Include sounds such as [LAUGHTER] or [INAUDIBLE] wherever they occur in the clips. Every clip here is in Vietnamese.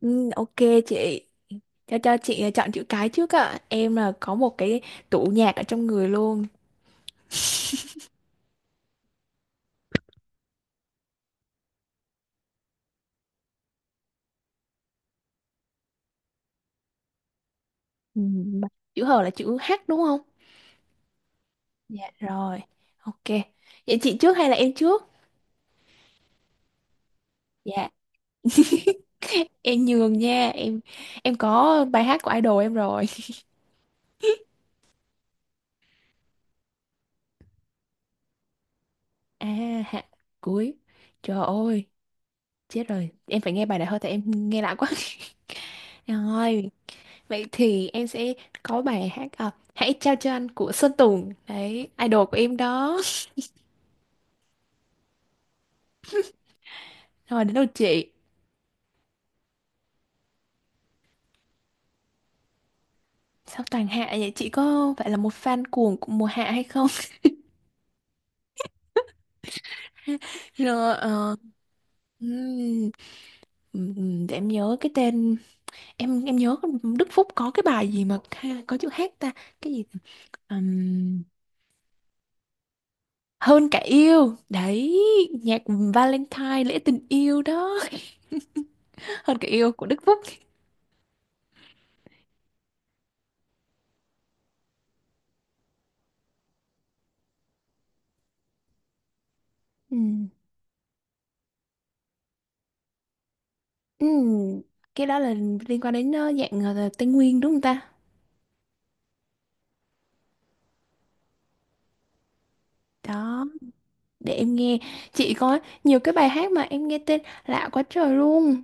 Ừ, ok chị, cho chị chọn chữ cái trước ạ, em là có một cái tủ nhạc ở trong người luôn. Ừ, mà chữ H là chữ H đúng không? Dạ rồi, ok. Vậy chị trước hay là em trước? Dạ. [LAUGHS] Em nhường nha Em có bài hát của idol em rồi. [LAUGHS] À, hạ cuối. Trời ơi, chết rồi, em phải nghe bài này thôi, tại em nghe lạ quá. [LAUGHS] Rồi, vậy thì em sẽ có bài hát à, hãy trao cho anh của Sơn Tùng đấy, idol của em đó. Rồi, đến lượt chị. Sao toàn hạ vậy? Chị có phải là một fan cuồng của mùa hạ hay không? [LAUGHS] Rồi, ừm, để em nhớ cái tên. Em nhớ Đức Phúc có cái bài gì mà có chữ hát ta, cái gì? Ừm, hơn cả yêu đấy, nhạc Valentine lễ tình yêu đó. [LAUGHS] Hơn cả yêu của Đức Phúc. Ừm, ừm, cái đó là liên quan đến dạng Tây Nguyên đúng không ta? Đó, để em nghe. Chị có nhiều cái bài hát mà em nghe tên lạ quá trời luôn.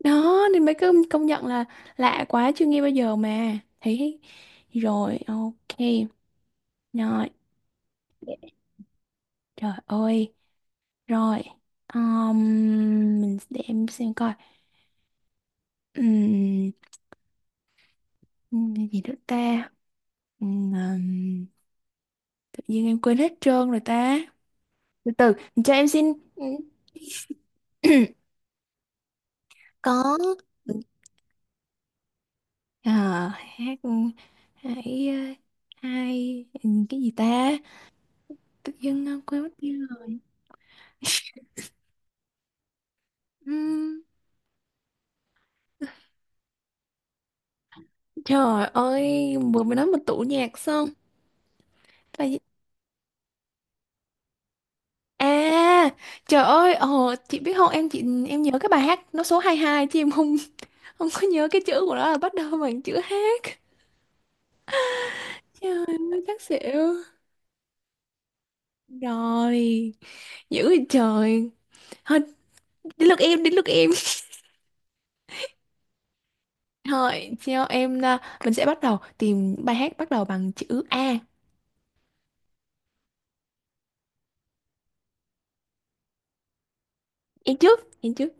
Đó nên mới cứ công nhận là lạ quá, chưa nghe bao giờ mà thấy. Rồi, ok. Rồi, trời ơi. Rồi, um, mình để em xem coi. Cái gì nữa ta? Ừm, ừm, tự nhiên em quên hết trơn rồi ta. Từ từ, cho em xin. [CLEARS THROAT] Có. Ờ, hát, hãy hai, cái gì ta? Tự nhiên quên mất tiêu rồi. [LAUGHS] Ừm, Trời ơi, vừa mới nói một tủ nhạc xong. Là gì? À, trời ơi, ồ, chị biết không, em chị em nhớ cái bài hát nó số 22 chứ em không [LAUGHS] không có nhớ cái chữ của nó là bắt đầu bằng chữ hát. Trời ơi, chắc xỉu. Rồi, dữ vậy trời. Thôi, đến lượt em, đến lượt em. [LAUGHS] Thôi, cho em, à, mình sẽ bắt đầu tìm bài hát bắt đầu bằng chữ A. Em trước, em trước.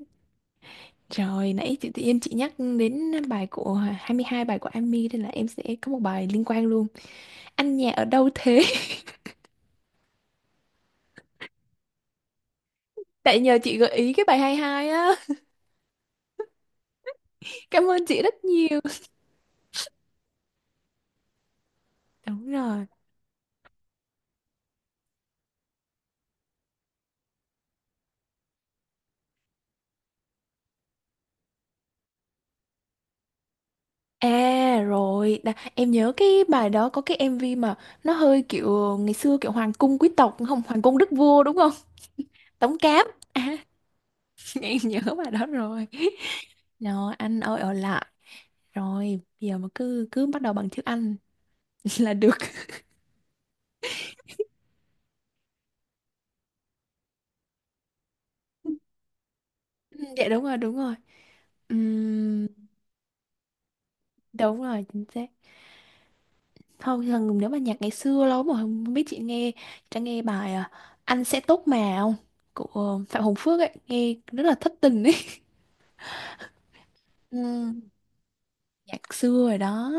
Trời, nãy chị tự nhiên chị nhắc đến bài của 22, bài của Amy nên là em sẽ có một bài liên quan luôn. Anh nhà ở đâu thế? [LAUGHS] Tại nhờ chị gợi ý cái bài 22 á. [LAUGHS] Cảm ơn chị rất nhiều. Đúng rồi. À rồi, Đà, em nhớ cái bài đó có cái MV mà nó hơi kiểu ngày xưa kiểu hoàng cung quý tộc không? Hoàng cung đức vua đúng không? Tống Cáp. À, [LAUGHS] em nhớ bài đó rồi. [LAUGHS] Rồi, anh ơi ở lại. Rồi, bây giờ mà cứ cứ bắt đầu bằng chữ anh [LAUGHS] là được. Ừ, dạ đúng rồi đúng rồi. Ừm, Đúng rồi chính xác. Thôi thường nếu mà nhạc ngày xưa lâu mà không biết, chị nghe bài à, anh sẽ tốt mà không của Phạm Hồng Phước ấy, nghe rất là thất tình ấy. [LAUGHS] Ừm, Nhạc xưa rồi đó.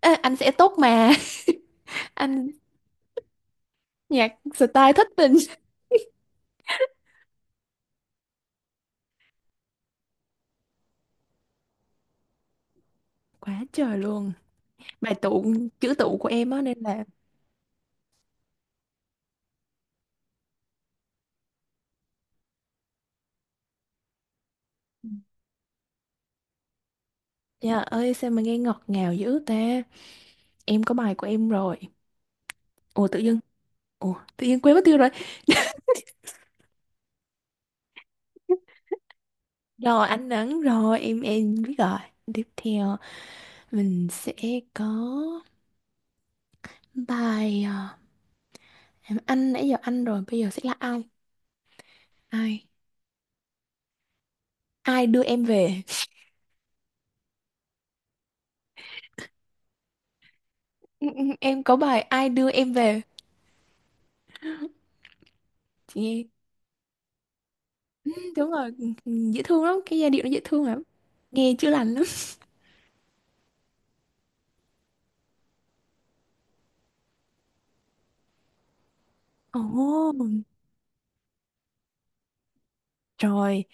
Ê, anh sẽ tốt mà. [LAUGHS] Anh, nhạc style thất tình. [LAUGHS] Quá trời luôn. Bài tụ, chữ tụ của em á nên là dạ ơi sao mà nghe ngọt ngào dữ ta. Em có bài của em rồi. Ủa tự dưng, ủa tự nhiên quên mất tiêu rồi. Rồi anh đoán rồi, em biết rồi. Tiếp theo mình sẽ có bài à, anh nãy giờ anh rồi, bây giờ sẽ là ai, ai ai đưa em về. Ừ, ừ, em có bài ai đưa em về chị nghe. Ừ, đúng rồi, ừ, ừ, dễ thương lắm, cái giai điệu nó dễ thương lắm, nghe chữa lành lắm. [LAUGHS] Ồ, rồi.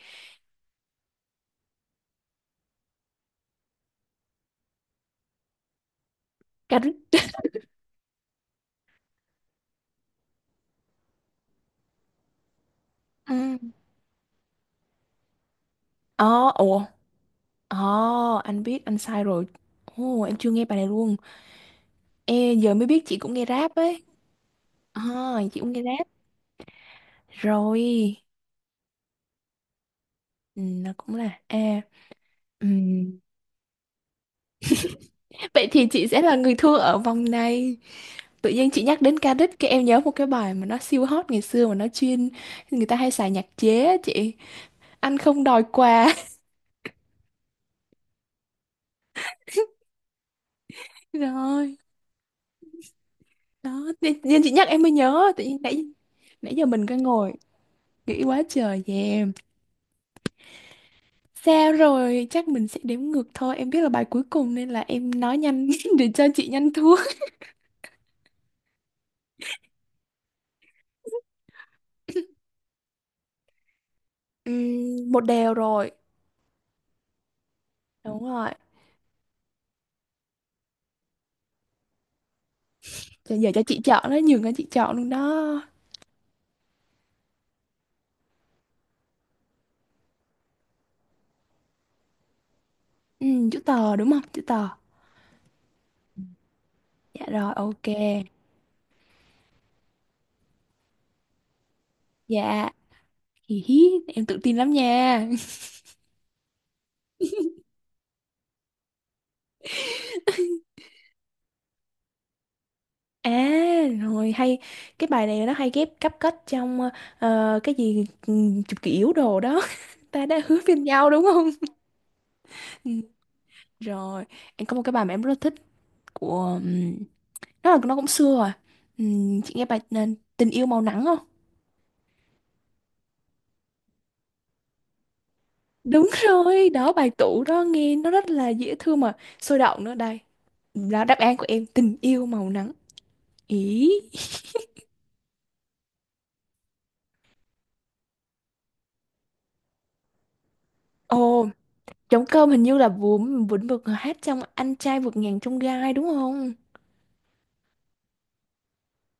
Cà rích. [LAUGHS] Ừ. Ồ, ồ, ồ, anh biết anh sai rồi. Ồ, em chưa nghe bài này luôn. Ê, giờ mới biết chị cũng nghe rap ấy. À, chị cũng nghe rap. Rồi, ừ, nó cũng là A. Ừm, [LAUGHS] Vậy thì chị sẽ là người thua ở vòng này. Tự nhiên chị nhắc đến ca đích, cái em nhớ một cái bài mà nó siêu hot ngày xưa mà nó chuyên người ta hay xài nhạc chế á chị. Anh không đòi quà. [LAUGHS] Rồi, đó, tự nhiên chị nhắc em mới nhớ, tự nhiên nãy nãy giờ mình cứ ngồi nghĩ quá trời về em. Sao rồi, chắc mình sẽ đếm ngược thôi. Em biết là bài cuối cùng nên là em nói nhanh [LAUGHS] để cho chị nhanh thua. Một đều rồi. Đúng rồi. Cho giờ cho chị chọn đó, nhường cho chị chọn luôn đó. Ừ, chữ tờ đúng không? Chữ tờ. Dạ rồi, ok. Dạ. Hì hí, em tự tin lắm nha. [LAUGHS] À, rồi hay, cái bài này nó hay ghép cấp kết trong cái gì, ừ, chụp kỷ yếu đồ đó. [LAUGHS] Ta đã hứa với nhau đúng không? [LAUGHS] Ừ, rồi, em có một cái bài mà em rất là thích của nó là, nó cũng xưa rồi. Chị nghe bài Tình yêu màu nắng không? Đúng rồi, đó bài tủ đó nghe nó rất là dễ thương mà sôi động nữa đây. Đó, đáp án của em tình yêu màu nắng ý. Ồ, trống cơm hình như là Vũng Vĩnh Vực hát trong anh trai vượt ngàn chông gai đúng không?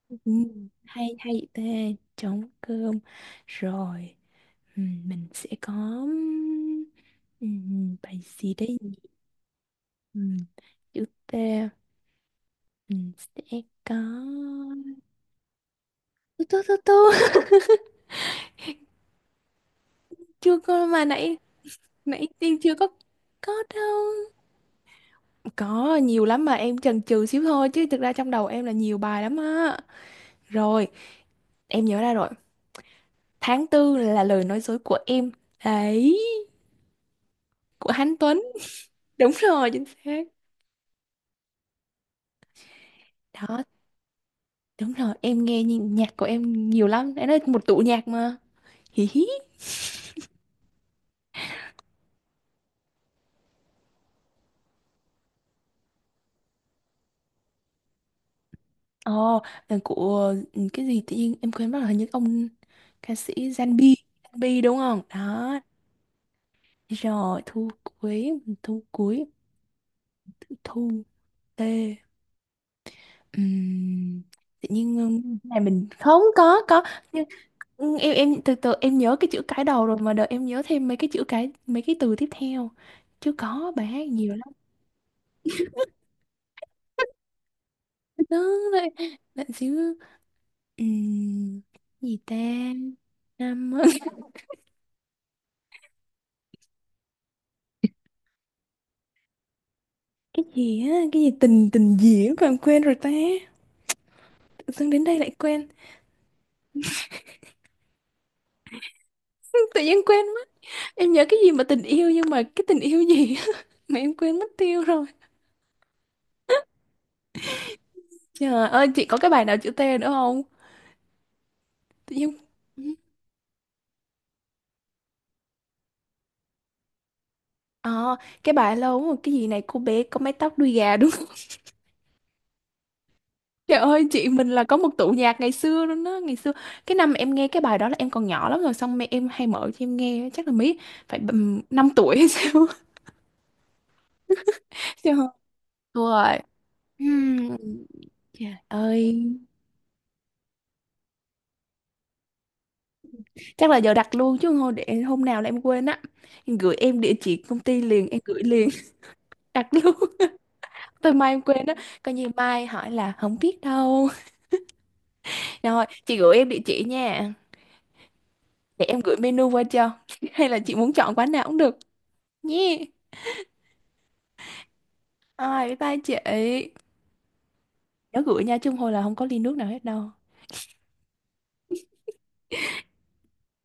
Ừ, hay hay vậy ta. Trống cơm. Rồi, ừ, mình sẽ có, ừ, bài gì đây nhỉ? Ừ, chữ T mình sẽ có tu tu tu tu [LAUGHS] chưa có mà nãy nãy tiên chưa có. Có đâu. Có nhiều lắm mà em chần chừ xíu thôi chứ thực ra trong đầu em là nhiều bài lắm á. Rồi, em nhớ ra rồi. Tháng tư là lời nói dối của em. Đấy, của Hán Tuấn. Đúng rồi, chính xác. Đó, đúng rồi, em nghe nhạc của em nhiều lắm. Đấy là một tủ nhạc mà. Hí hí. Ồ, là của ừ, cái gì, tự nhiên em quên mất là hình như ông ca sĩ Zanbi. Zanbi đúng không? Đó. Rồi, thu cuối, thu cuối, thu tê. Ừm, Tự nhiên này mình không có nhưng em từ từ em nhớ cái chữ cái đầu rồi mà đợi em nhớ thêm mấy cái chữ cái mấy cái từ tiếp theo chứ có bài hát nhiều lắm. Đó, đấy, lạnh xíu. Ừm, Gì ta? 5. [LAUGHS] Cái gì á, cái gì tình, tình gì á, còn quên rồi ta. Tự dưng đến đây lại quên. [LAUGHS] Tự nhiên quên mất. Em nhớ cái gì mà tình yêu, nhưng mà cái tình yêu gì á [LAUGHS] mà em quên mất tiêu rồi. Trời ơi, chị có cái bài nào chữ T nữa không? Tự nhiên. Ừ. Ờ, cái bài lâu lắm rồi cái gì này cô bé có mái tóc đuôi gà đúng không? [LAUGHS] Trời ơi, chị mình là có một tụ nhạc ngày xưa luôn đó ngày xưa. Cái năm em nghe cái bài đó là em còn nhỏ lắm rồi, xong mẹ em hay mở cho em nghe chắc là mấy phải bầm 5 tuổi hay sao. [LAUGHS] Trời ơi. Đúng rồi. Ừm, Trời ơi, chắc là giờ đặt luôn chứ thôi để hôm nào là em quên á, em gửi em địa chỉ công ty liền, em gửi liền. [LAUGHS] Đặt luôn, tới mai em quên á, coi như mai hỏi là không biết đâu. Rồi chị gửi em địa chỉ nha. Để em gửi menu qua cho. [LAUGHS] Hay là chị muốn chọn quán nào cũng được. Nhé. Ai, bye bye chị. Ấy. Nhớ gửi nha, chứ không thôi là không có ly nước nào hết đâu.